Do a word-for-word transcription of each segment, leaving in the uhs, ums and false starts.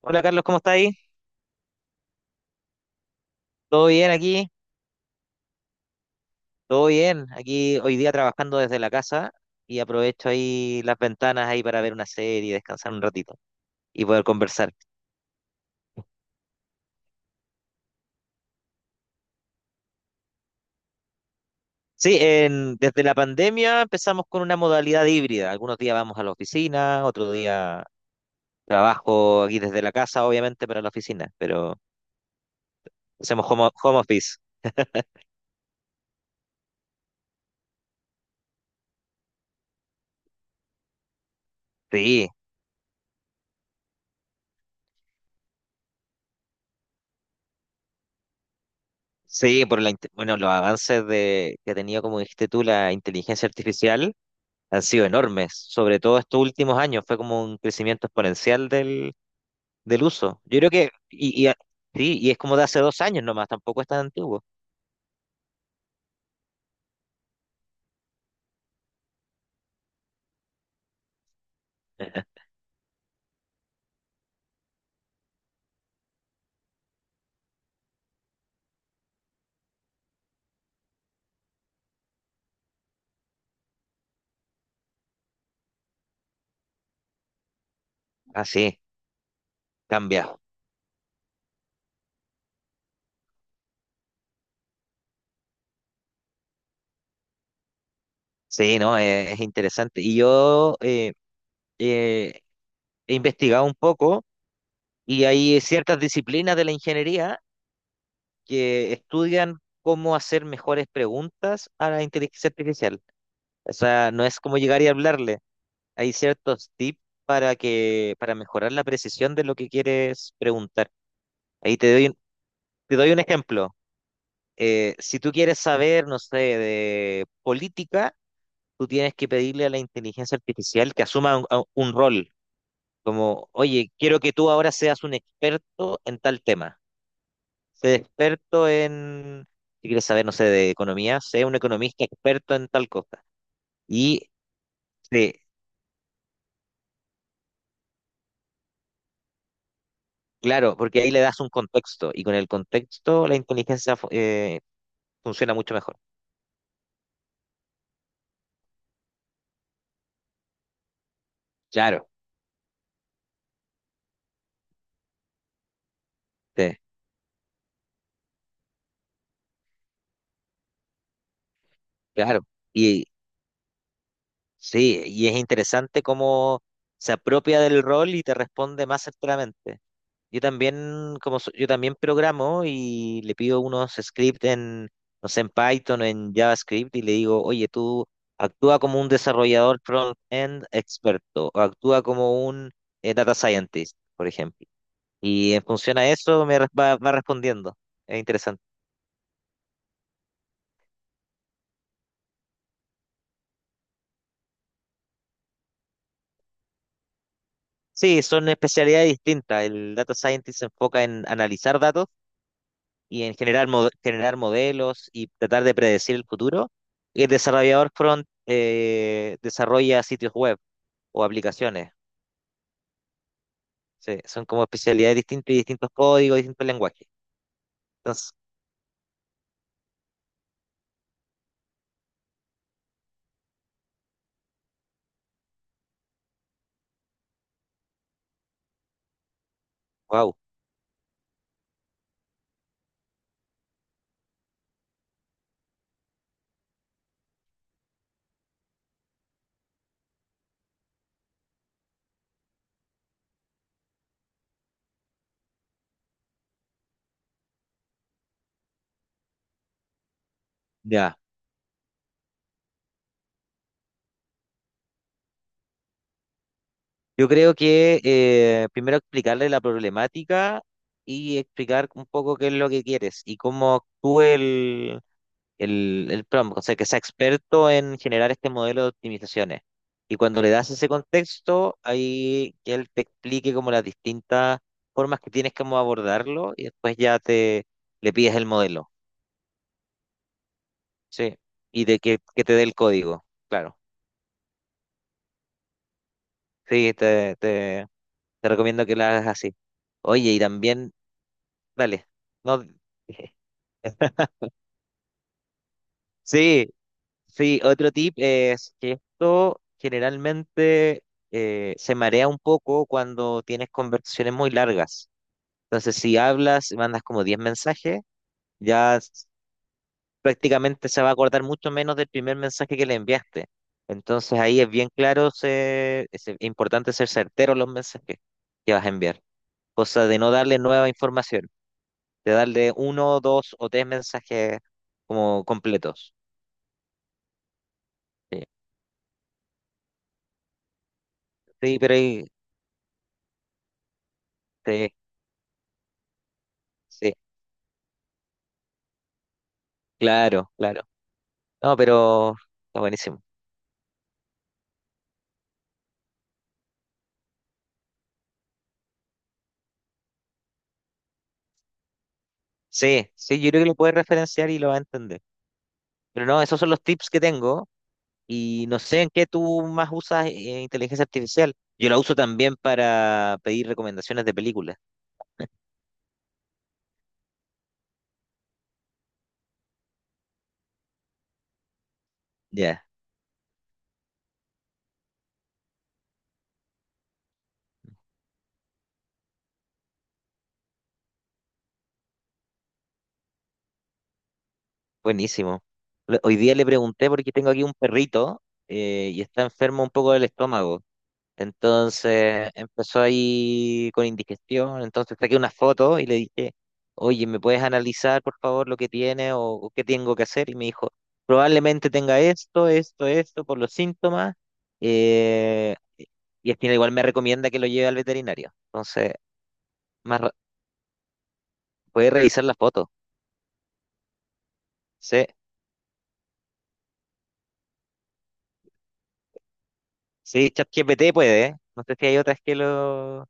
Hola Carlos, ¿cómo está ahí? ¿Todo bien aquí? Todo bien. Aquí hoy día trabajando desde la casa y aprovecho ahí las ventanas ahí para ver una serie, descansar un ratito y poder conversar. Sí, en- desde la pandemia empezamos con una modalidad híbrida. Algunos días vamos a la oficina, otro día trabajo aquí desde la casa, obviamente, para la oficina, pero hacemos home, home office. Sí, sí, por la, inte- bueno, los avances de, que ha tenido, como dijiste tú, la inteligencia artificial han sido enormes, sobre todo estos últimos años, fue como un crecimiento exponencial del, del uso. Yo creo que, y, y, a- sí, y es como de hace dos años nomás, tampoco es tan antiguo. Ah, sí, cambia. Sí, no, es, es interesante. Y yo eh, eh, he investigado un poco y hay ciertas disciplinas de la ingeniería que estudian cómo hacer mejores preguntas a la inteligencia artificial. O sea, no es como llegar y hablarle, hay ciertos tips para que, para mejorar la precisión de lo que quieres preguntar. Ahí te doy, un- Te doy un ejemplo. Eh, si tú quieres saber, no sé, de política, tú tienes que pedirle a la inteligencia artificial que asuma un, a- un rol, como, oye, quiero que tú ahora seas un experto en tal tema. Sé experto en, si quieres saber, no sé, de economía, sé un economista experto en tal cosa. Y sí, claro, porque ahí le das un contexto y con el contexto la inteligencia fo- eh, funciona mucho mejor. Claro, sí, claro. Y sí, y es interesante cómo se apropia del rol y te responde más certeramente. Yo también, como so- yo también programo y le pido unos scripts en, no sé, en Python o en JavaScript y le digo, oye, tú actúa como un desarrollador front-end experto o actúa como un eh, data scientist, por ejemplo. Y en función a eso me res- va, va respondiendo. Es interesante. Sí, son especialidades distintas. El data scientist se enfoca en analizar datos y en generar, mo- generar modelos y tratar de predecir el futuro. Y el desarrollador front eh, desarrolla sitios web o aplicaciones. Sí, son como especialidades distintas y distintos códigos, distintos lenguajes. Entonces, wow, ya. Yo creo que eh, primero explicarle la problemática y explicar un poco qué es lo que quieres y cómo actúa el, el prompt, o sea, que sea experto en generar este modelo de optimizaciones. Y cuando le das ese contexto, ahí que él te explique como las distintas formas que tienes como abordarlo y después ya te le pides el modelo, ¿sí? Y de que, que te dé el código, claro. Sí, te, te, te recomiendo que lo hagas así. Oye, y también, dale, no, sí, sí, otro tip es que esto generalmente eh, se marea un poco cuando tienes conversaciones muy largas. Entonces, si hablas, mandas como diez mensajes, ya s- prácticamente se va a acordar mucho menos del primer mensaje que le enviaste. Entonces, ahí es bien claro, se- es importante ser certero en los mensajes que vas a enviar. Cosa de no darle nueva información, de darle uno, dos o tres mensajes como completos. Sí, sí, pero ahí... sí. Sí. Claro, claro. No, pero está buenísimo. Sí, sí, yo creo que lo puedes referenciar y lo va a entender. Pero no, esos son los tips que tengo y no sé en qué tú más usas eh, inteligencia artificial. Yo la uso también para pedir recomendaciones de películas. Ya, buenísimo. Le- Hoy día le pregunté porque tengo aquí un perrito eh, y está enfermo un poco del estómago. Entonces empezó ahí con indigestión, entonces saqué una foto y le dije, oye, ¿me puedes analizar por favor lo que tiene o, o qué tengo que hacer? Y me dijo, probablemente tenga esto, esto, esto por los síntomas. eh, y al final igual me recomienda que lo lleve al veterinario. Entonces, más ra- puede revisar la foto. Sí, sí, ChatGPT puede, ¿eh? No sé si hay otras que lo...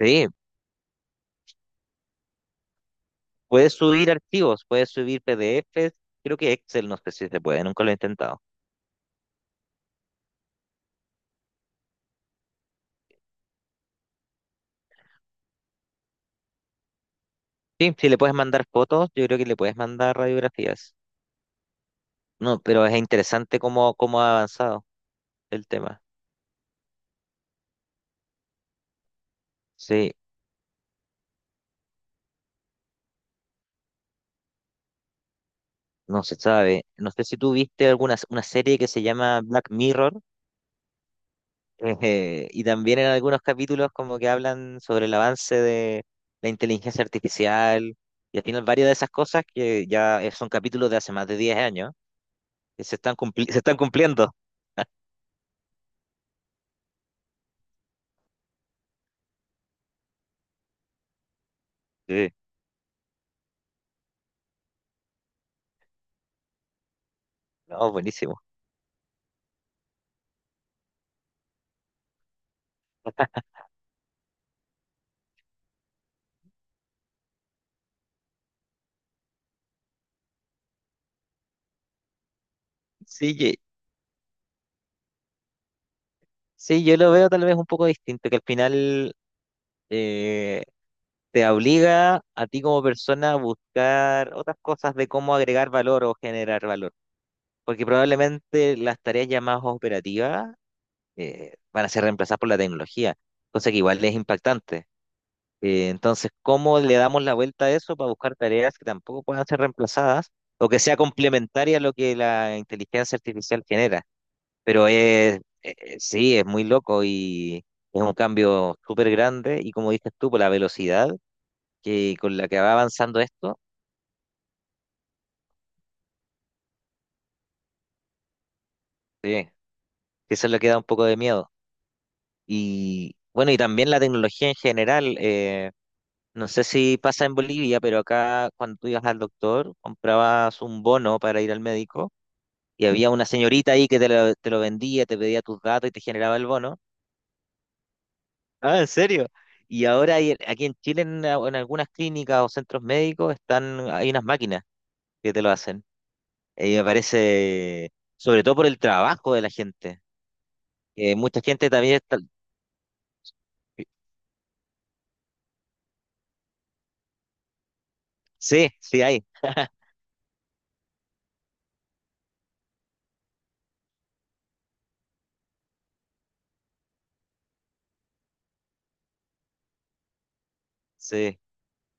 Sí, puedes subir archivos, puedes subir P D Efes. Creo que Excel, no sé si se puede, nunca lo he intentado. Sí, si le puedes mandar fotos, yo creo que le puedes mandar radiografías. No, pero es interesante cómo, cómo ha avanzado el tema. Sí, no se sabe. No sé si tú viste alguna una serie que se llama Black Mirror, eh, y también en algunos capítulos como que hablan sobre el avance de la inteligencia artificial, y al final varias de esas cosas que ya eh, son capítulos de hace más de diez años, que se están cumpli- se están cumpliendo. Sí, no, buenísimo. Sí, ye- sí, yo lo veo tal vez un poco distinto, que al final eh, te obliga a ti como persona a buscar otras cosas de cómo agregar valor o generar valor, porque probablemente las tareas ya más operativas eh, van a ser reemplazadas por la tecnología, cosa que igual es impactante. Eh, entonces, ¿cómo le damos la vuelta a eso para buscar tareas que tampoco puedan ser reemplazadas o que sea complementaria a lo que la inteligencia artificial genera? Pero es, eh, eh, sí, es muy loco y es un cambio súper grande y como dices tú, por la velocidad que con la que va avanzando esto, sí, que eso es lo que da un poco de miedo. Y bueno, y también la tecnología en general, eh, no sé si pasa en Bolivia, pero acá cuando tú ibas al doctor, comprabas un bono para ir al médico y había una señorita ahí que te lo, te lo vendía, te pedía tus datos y te generaba el bono. Ah, ¿en serio? Y ahora hay- aquí en Chile, en, a- en algunas clínicas o centros médicos, están, hay unas máquinas que te lo hacen. Y me parece, sobre todo por el trabajo de la gente que mucha gente también sí, sí hay. Sí.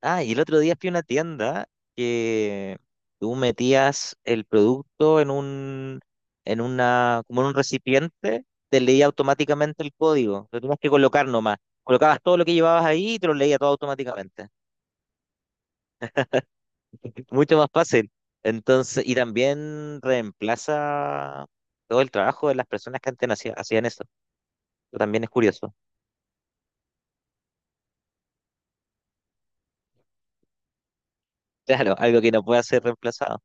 Ah, y el otro día fui a una tienda que tú metías el producto en un, en una, como en un recipiente, te leía automáticamente el código. Lo tenías que colocar nomás. Colocabas todo lo que llevabas ahí y te lo leía todo automáticamente. Mucho más fácil. Entonces, y también reemplaza todo el trabajo de las personas que antes no hacía- hacían eso. Eso también es curioso. Claro, algo que no puede ser reemplazado.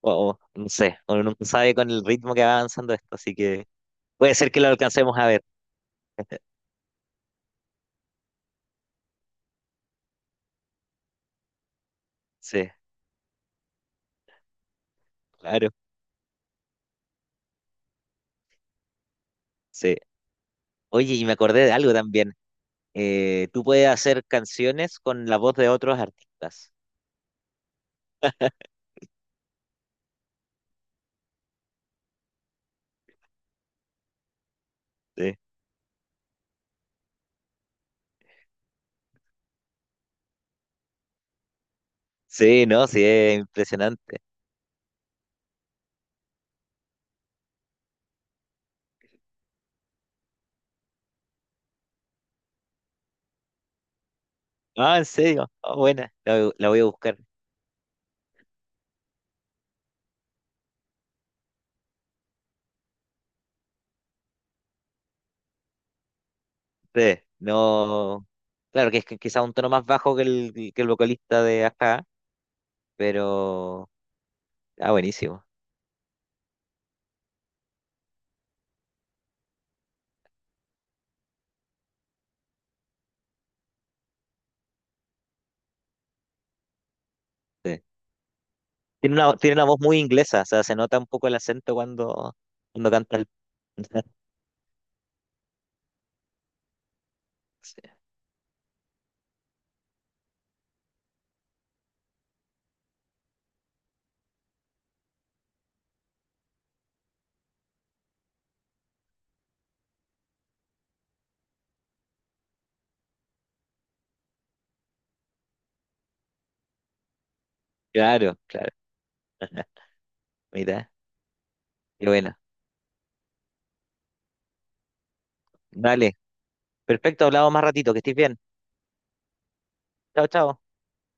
O, o no sé, uno nunca sabe con el ritmo que va avanzando esto, así que puede ser que lo alcancemos a ver. Sí, claro, sí. Oye, y me acordé de algo también. Eh, tú puedes hacer canciones con la voz de otros artistas. Sí. Sí, no, sí, es impresionante. Ah, en serio. Ah, buena, la, voy la voy a buscar. Sí, no. Claro que es que quizá un tono más bajo que el, que el vocalista de acá, pero. Ah, buenísimo. Sí. Tiene una, tiene una voz muy inglesa, o sea, se nota un poco el acento cuando, cuando canta el... Sí. Claro, claro. Mira, qué bueno. Vale, perfecto, hablamos más ratito, que estés bien. Chao, chao.